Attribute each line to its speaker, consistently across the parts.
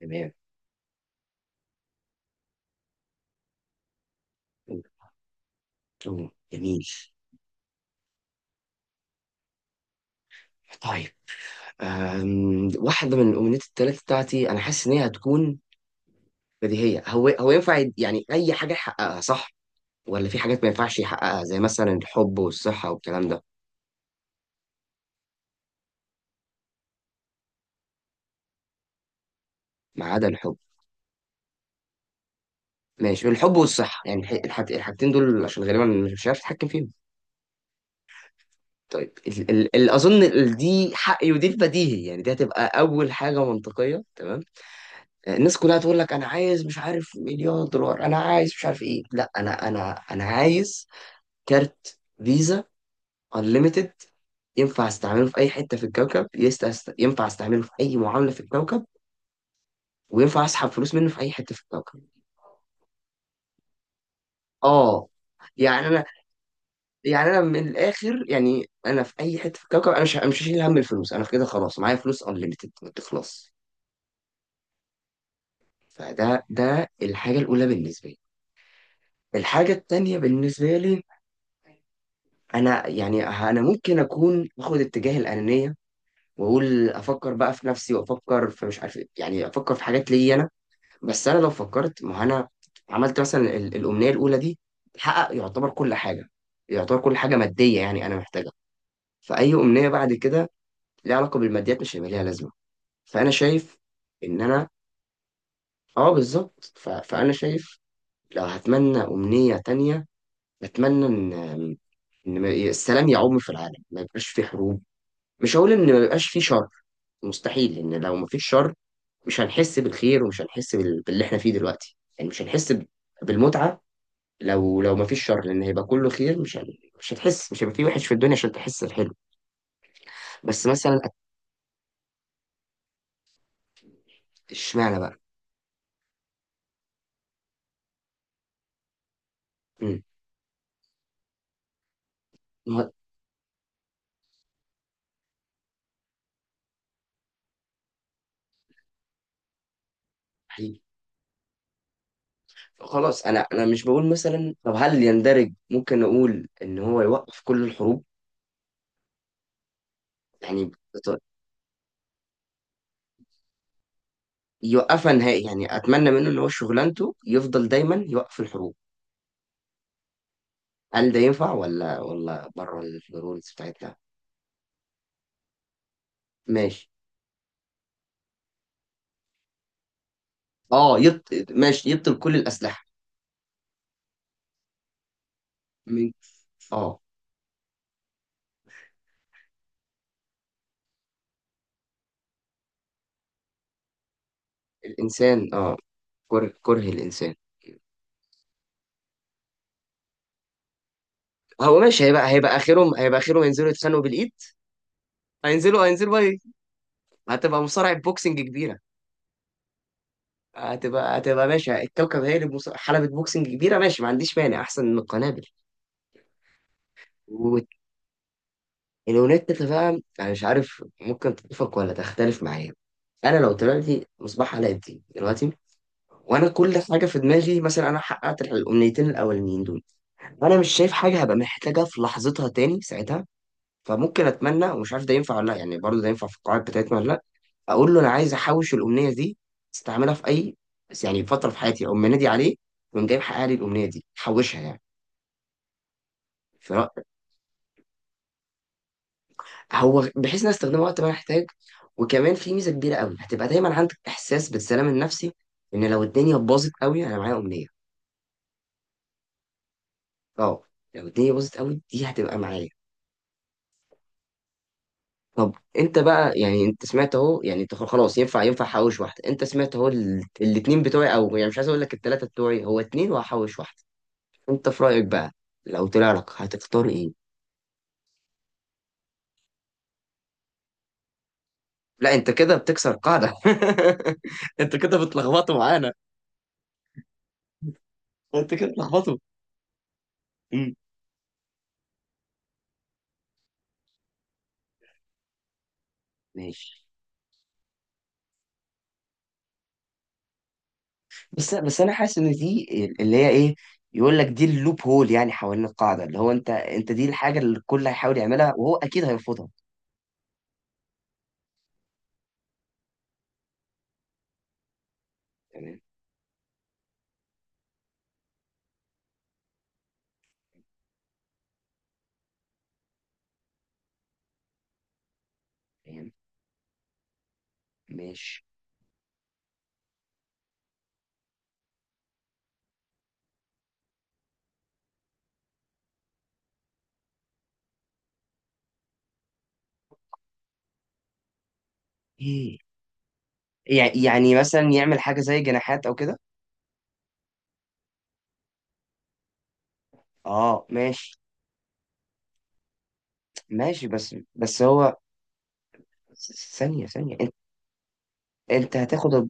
Speaker 1: تمام. أوه، جميل. طيب. واحدة من الأمنيات التلاتة بتاعتي أنا حاسس إن هي هتكون بديهية. هو هو ينفع يعني أي حاجة يحققها صح؟ ولا في حاجات ما ينفعش يحققها زي مثلا الحب والصحة والكلام ده. ما عدا الحب. ماشي، الحب والصحة، يعني الحاجتين دول عشان غالبا مش عارف أتحكم فيهم. طيب، ال ال ال أظن دي حقي ودي البديهي، يعني دي هتبقى أول حاجة منطقية. تمام، الناس كلها تقول لك انا عايز مش عارف مليار دولار، انا عايز مش عارف ايه. لا، انا عايز كارت فيزا انليميتد ينفع استعمله في اي حته في الكوكب ينفع استعمله في اي معامله في الكوكب، وينفع اسحب فلوس منه في اي حته في الكوكب. اه. يعني انا. يعني انا من الاخر، يعني انا في اي حته في الكوكب انا مش هشيل هم الفلوس، انا في كده خلاص معايا فلوس انليميتد ما تخلص. فده الحاجه الاولى بالنسبه لي. الحاجه التانيه بالنسبه لي، انا يعني انا ممكن اكون اخد اتجاه الانانيه واقول افكر بقى في نفسي وافكر في مش عارف إيه، يعني افكر في حاجات ليا انا. بس انا لو فكرت ما هو انا عملت مثلا الامنيه الاولى دي، تحقق يعتبر كل حاجه، يعتبر كل حاجه ماديه يعني انا محتاجها. فاي امنيه بعد كده ليها علاقه بالماديات مش هيبقى ليها لازمه. فانا شايف ان انا، اه بالظبط. فانا شايف لو هتمنى امنيه تانية، اتمنى ان إن السلام يعم في العالم، ما يبقاش في حروب. مش هقول ان ما بيبقاش فيه شر، مستحيل، لان لو ما فيش شر مش هنحس بالخير ومش هنحس باللي احنا فيه دلوقتي، يعني مش هنحس بالمتعه. لو ما فيش شر، لان هيبقى كله خير، مش هتحس، مش هيبقى فيه وحش في الدنيا عشان تحس الحلو. بس مثلا اشمعنى بقى. امم ما- حقيقي. خلاص، انا مش بقول مثلا، طب هل يندرج ممكن نقول ان هو يوقف كل الحروب يعني؟ بط- يوقفها نهائي، يعني اتمنى منه ان هو شغلانته يفضل دايما يوقف الحروب. هل ده ينفع ولا بره الرولز بتاعتنا؟ ماشي. اه، ماشي يبطل كل الأسلحة. من. اه. الإنسان، اه. كره كره الإنسان. هو ماشي، هيبقى آخرهم، هيبقى آخرهم ينزلوا يتخانقوا بالإيد. هينزلوا بقى إيه؟ هتبقى مصارعة بوكسنج كبيرة. هتبقى ماشي، الكوكب هي اللي حلبة بوكسنج كبيرة. ماشي، ما عنديش مانع، أحسن من القنابل. والأونيتا بقى، أنا مش عارف ممكن تتفق ولا تختلف معايا. أنا لو طلعت لي مصباح علاء الدين دلوقتي وانا كل حاجه في دماغي، مثلا انا حققت الامنيتين الاولانيين دول، انا مش شايف حاجه هبقى محتاجها في لحظتها تاني ساعتها. فممكن اتمنى ومش عارف ده ينفع ولا لا، يعني برضه ده ينفع في القواعد بتاعتنا ولا لا. اقول له انا عايز احوش الامنيه دي، استعملها في اي بس يعني فتره في حياتي، اقوم منادي عليه ويقوم جاي محقق لي الامنيه دي، حوشها يعني. فرا- هو بحيث ان أنا استخدمها وقت ما أنا احتاج. وكمان في ميزه كبيره قوي، هتبقى دايما عندك احساس بالسلام النفسي، ان لو الدنيا باظت قوي انا معايا امنيه. اه، لو الدنيا باظت قوي دي هتبقى معايا. طب انت بقى، يعني انت سمعت اهو، يعني انت خلاص ينفع احوش واحده، انت سمعت اهو الاتنين بتوعي، او يعني مش عايز اقول لك التلاته بتوعي، هو اتنين وهحوش واحده. انت في رايك بقى، لو طلع لك هتختار ايه؟ لا، انت كده بتكسر قاعده. انت كده بتلخبطوا معانا. انت كده بتلخبطوا. امم، ماشي. بس بس انا حاسس ان دي اللي هي ايه، يقول لك دي اللوب هول، يعني حوالين القاعده، اللي هو انت دي الحاجه اللي الكل هيحاول يعملها وهو اكيد هيرفضها. تمام. تمام. ماشي. ايه؟ يعني مثلا يعمل حاجة زي جناحات أو كده. اه ماشي. ماشي، بس بس هو ثانية ثانية. انت هتاخد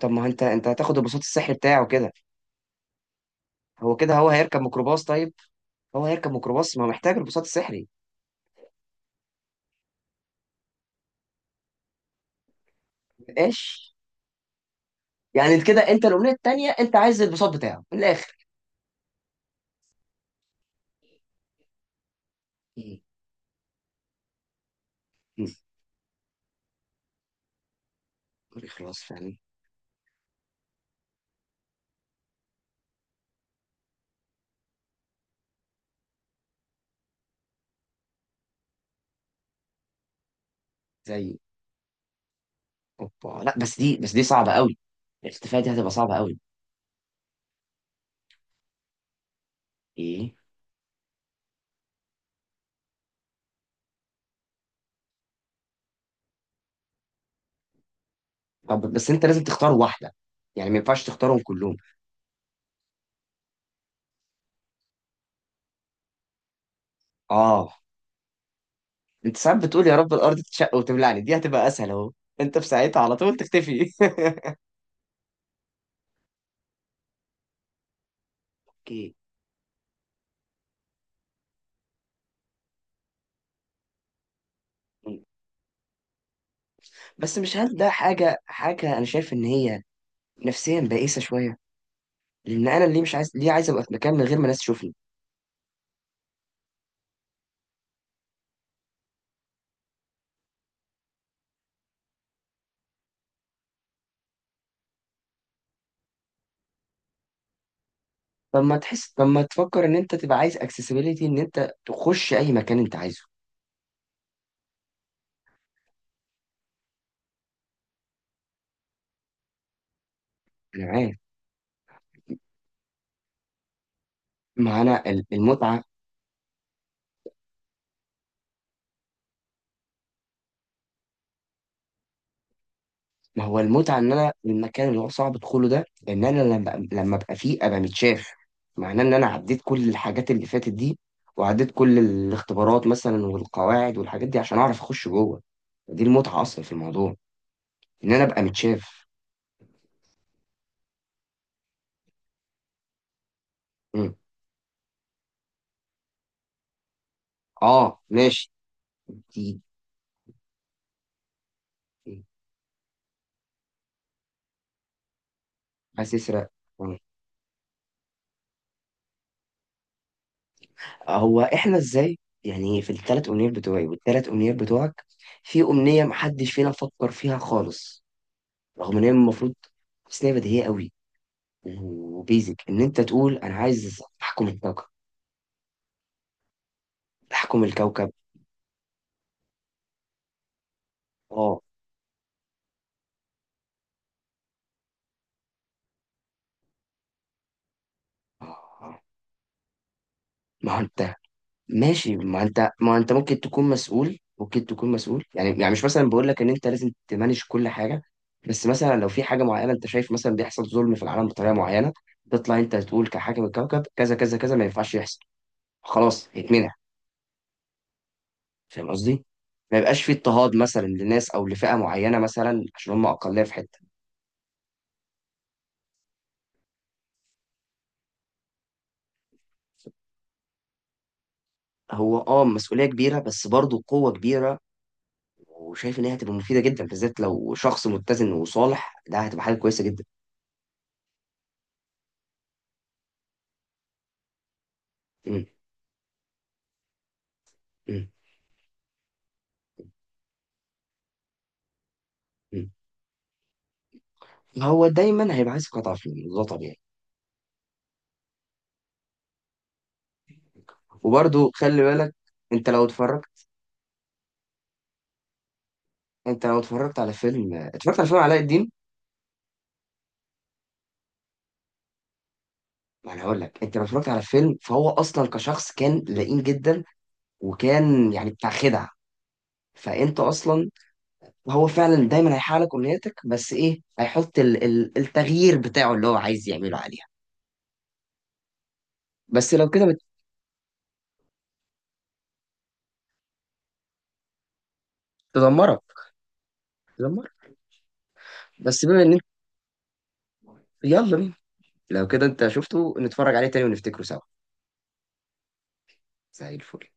Speaker 1: طب ما هو انت، انت هتاخد البساط السحري بتاعه كده. هو كده، هو هيركب ميكروباص طيب. هو هيركب ميكروباص، ما هو محتاج البساط السحري. ماشي، يعني كده انت الأمنية التانية انت عايز البساط بتاعه من الآخر. م- م- خلاص فعلا زي. اوبا، لا بس دي صعبة قوي. الاتفاقية دي هتبقى صعبة قوي. ايه. طب بس انت لازم تختار واحدة، يعني ما ينفعش تختارهم كلهم. اه، انت ساعات بتقول يا رب الارض تتشق وتبلعني، دي هتبقى اسهل اهو. انت في ساعتها على طول تختفي. اوكي. بس مش هل ده حاجه حاجه انا شايف ان هي نفسيا بائسه شويه، لان انا اللي مش عايز ليه، عايز ابقى في مكان من غير ما ناس تشوفني. طب ما تحس، طب ما تفكر ان انت تبقى عايز اكسسبيليتي، ان انت تخش اي مكان انت عايزه. انا معاك. ما انا المتعه. ما هو المتعة إن أنا المكان اللي هو صعب أدخله ده، إن أنا لما أبقى فيه أبقى متشاف، معناه إن أنا عديت كل الحاجات اللي فاتت دي وعديت كل الاختبارات مثلا والقواعد والحاجات دي عشان أعرف أخش جوه. دي المتعة أصلا في الموضوع، إن أنا أبقى متشاف. مم. آه ماشي. دي. دي. عايز تسرق. مم. هو إحنا إزاي يعني، في الثلاث أمنيات بتوعي والثلاث أمنيات بتوعك، في أمنية محدش فينا فكر فيها خالص، رغم إن هي المفروض، بس إن هي بديهية قوي، وبيزك ان انت تقول انا عايز احكم الكوكب. احكم الكوكب. اه. آه. ما هو انت، ماشي، ما انت ممكن تكون مسؤول، ممكن تكون مسؤول، يعني مش مثلا بقول لك ان انت لازم تمانج كل حاجه. بس مثلا لو في حاجه معينه انت شايف مثلا بيحصل ظلم في العالم بطريقه معينه، تطلع انت تقول كحاكم الكوكب كذا كذا كذا، ما ينفعش يحصل، خلاص يتمنع. فاهم قصدي؟ ما يبقاش في اضطهاد مثلا لناس او لفئه معينه مثلا عشان هم اقليه في حته. هو اه، مسؤولية كبيرة بس برضه قوة كبيرة، وشايف ان هي هتبقى مفيدة جدا، بالذات لو شخص متزن وصالح ده هتبقى حاجة كويسة جدا. م- م- م. هو دايما هيبقى عايز قطع فيلم، ده طبيعي. وبرضه خلي بالك، انت لو اتفرجت، انت لو اتفرجت على فيلم اتفرجت على فيلم علاء الدين. ما انا هقول لك انت لو اتفرجت على فيلم، فهو اصلا كشخص كان لئيم جدا وكان يعني بتاع خدع. فانت اصلا، هو فعلا دايما هيحقق لك امنياتك، بس ايه، هيحط التغيير بتاعه اللي هو عايز يعمله عليه. بس لو كده بتدمرك. تدمرك. تدمرك. بس بما ان انت، يلا بينا، لو كده انت شفته نتفرج عليه تاني ونفتكره سوا. زي الفل.